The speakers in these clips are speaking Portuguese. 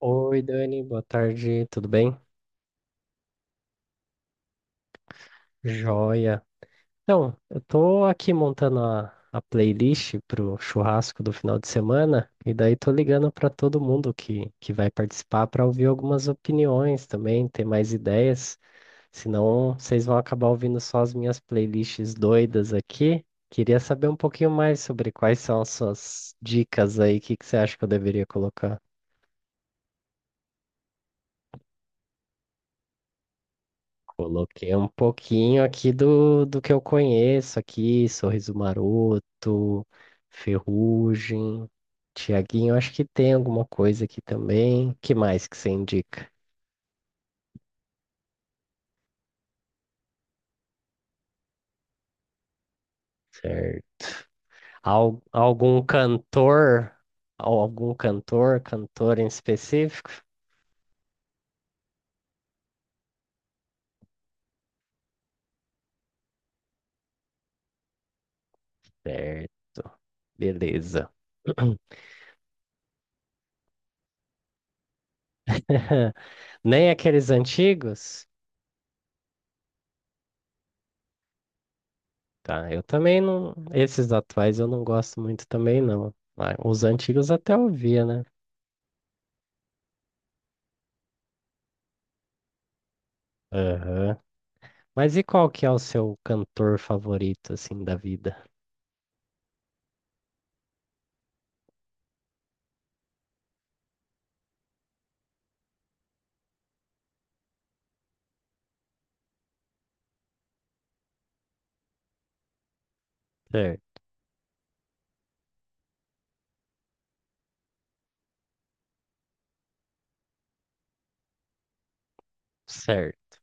Oi, Dani, boa tarde, tudo bem? Joia. Então, eu tô aqui montando a playlist pro churrasco do final de semana e daí tô ligando para todo mundo que vai participar para ouvir algumas opiniões também, ter mais ideias. Senão, vocês vão acabar ouvindo só as minhas playlists doidas aqui. Queria saber um pouquinho mais sobre quais são as suas dicas aí, o que que você acha que eu deveria colocar? Coloquei um pouquinho aqui do que eu conheço aqui, Sorriso Maroto, Ferrugem, Tiaguinho, acho que tem alguma coisa aqui também. Que mais que você indica? Certo. Algum cantor? Algum cantor, cantor em específico? Certo. Beleza. Nem aqueles antigos? Tá, eu também não. Esses atuais eu não gosto muito também, não. Ah, os antigos até ouvia, né? Aham. Mas e qual que é o seu cantor favorito, assim, da vida? Certo. Certo.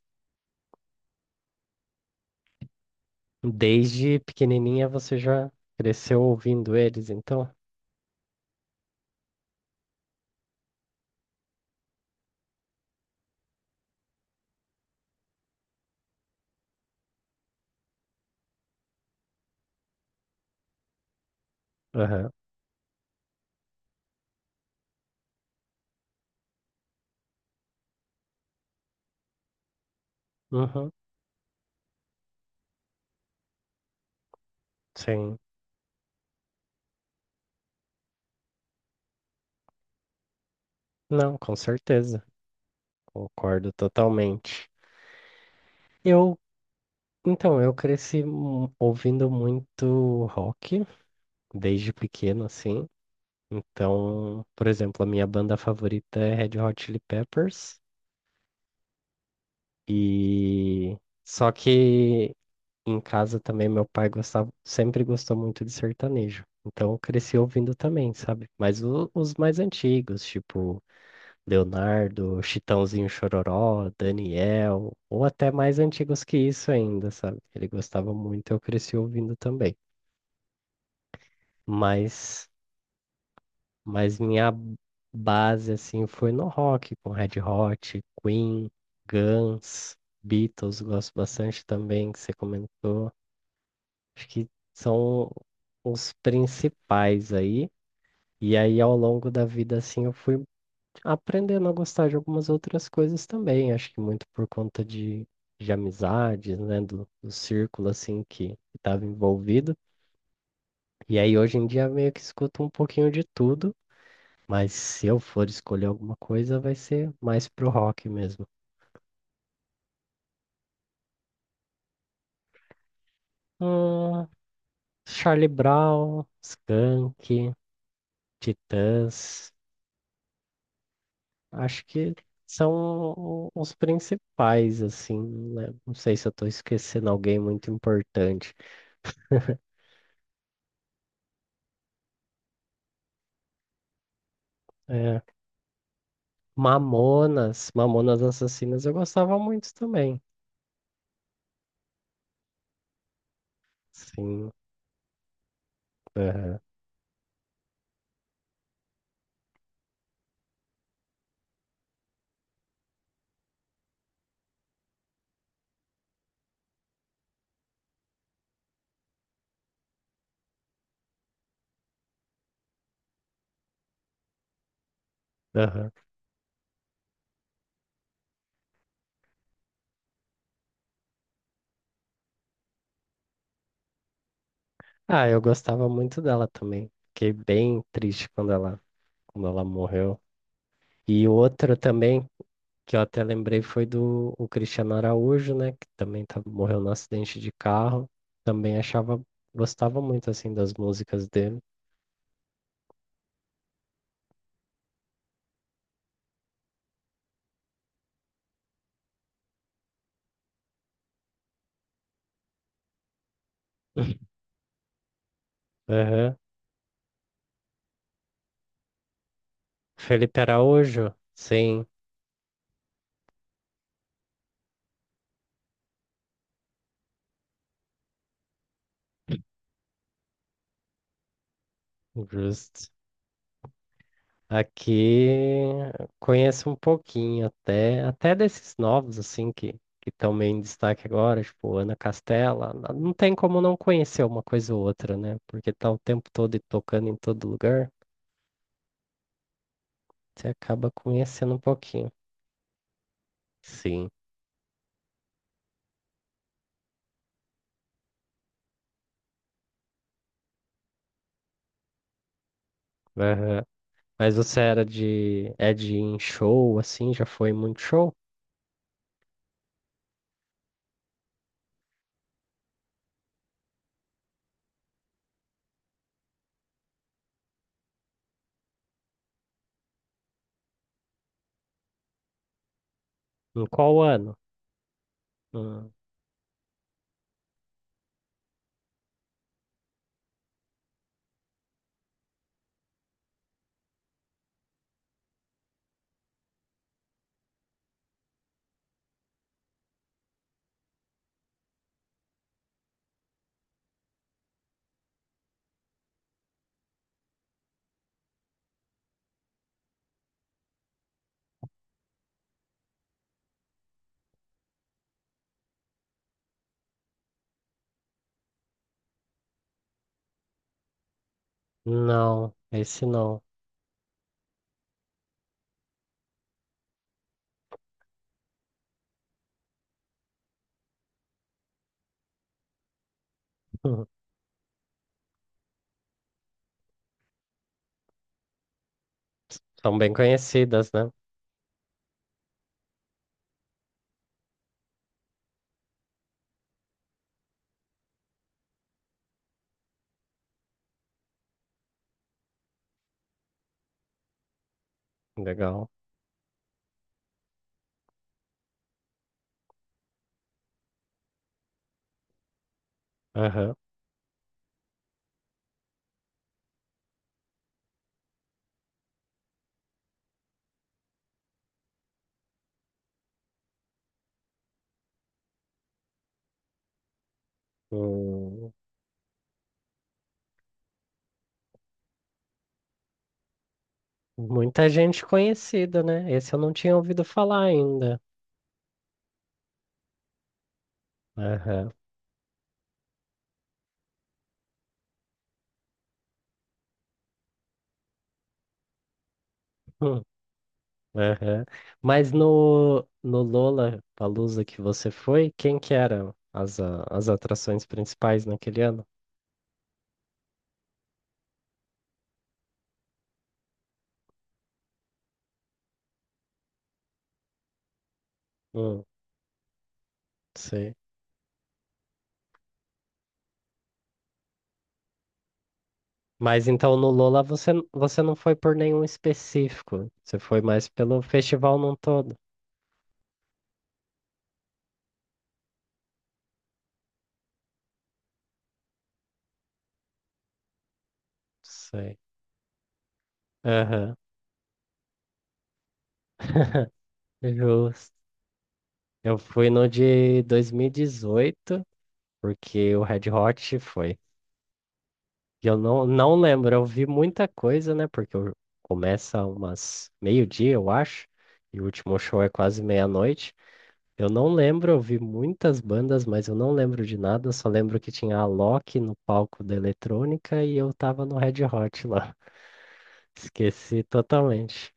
Desde pequenininha você já cresceu ouvindo eles, então? Aham. Uhum. Sim. Não, com certeza. Concordo totalmente. Eu, então, eu cresci ouvindo muito rock desde pequeno, assim. Então, por exemplo, a minha banda favorita é Red Hot Chili Peppers e só que em casa também meu pai gostava, sempre gostou muito de sertanejo. Então, eu cresci ouvindo também, sabe? Mas os mais antigos, tipo Leonardo, Chitãozinho Chororó, Daniel, ou até mais antigos que isso ainda, sabe? Ele gostava muito, eu cresci ouvindo também. Mas Mas minha base, assim, foi no rock, com Red Hot, Queen, Guns, Beatles, gosto bastante também, que você comentou. Acho que são os principais aí. E aí, ao longo da vida, assim, eu fui aprendendo a gostar de algumas outras coisas também. Acho que muito por conta de amizades, né, do círculo, assim, que estava envolvido. E aí, hoje em dia, meio que escuto um pouquinho de tudo. Mas se eu for escolher alguma coisa, vai ser mais pro rock mesmo. Hum, Charlie Brown, Skank, Titãs, acho que são os principais, assim, né? Não sei se eu tô esquecendo alguém muito importante. É, Mamonas, Mamonas Assassinas eu gostava muito também. Sim, aham, aham. Ah, eu gostava muito dela também. Fiquei bem triste quando ela morreu. E outra também que eu até lembrei foi do o Cristiano Araújo, né? Que também tá, morreu no acidente de carro. Também achava, Gostava muito assim das músicas dele. Aham. Felipe Araújo? Sim, justo. Aqui conheço um pouquinho até desses novos assim que estão meio em destaque agora, tipo Ana Castela, não tem como não conhecer uma coisa ou outra, né? Porque tá o tempo todo e tocando em todo lugar, você acaba conhecendo um pouquinho. Sim. Aham. Mas você era de. É de ir em show, assim? Já foi muito show? Em qual ano? Hum, Não, esse não. São bem conhecidas, né? Legal. Aham. Hum, muita gente conhecida, né? Esse eu não tinha ouvido falar ainda. Aham. Hum, aham. Mas no Lola Palusa que você foi, quem que eram as atrações principais naquele ano? Hum, sei. Mas então no Lola você, você não foi por nenhum específico, você foi mais pelo festival num todo. Sei. Aham. Justo. Eu fui no de 2018 porque o Red Hot foi. Eu não lembro, eu vi muita coisa, né? Começa umas meio-dia, eu acho, e o último show é quase meia-noite. Eu não lembro, eu vi muitas bandas, mas eu não lembro de nada, só lembro que tinha a Loki no palco da eletrônica e eu tava no Red Hot lá. Esqueci totalmente.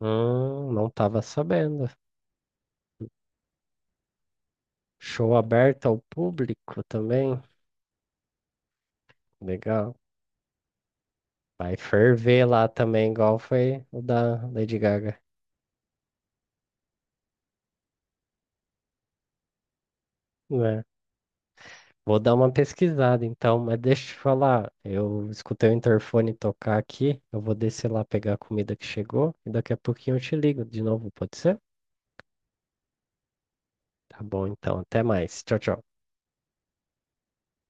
Não tava sabendo. Show aberto ao público também. Legal. Vai ferver lá também, igual foi o da Lady Gaga. É. Vou dar uma pesquisada então, mas deixa eu te falar, eu escutei o interfone tocar aqui, eu vou descer lá pegar a comida que chegou e daqui a pouquinho eu te ligo de novo, pode ser? Tá bom, então, até mais. Tchau, tchau.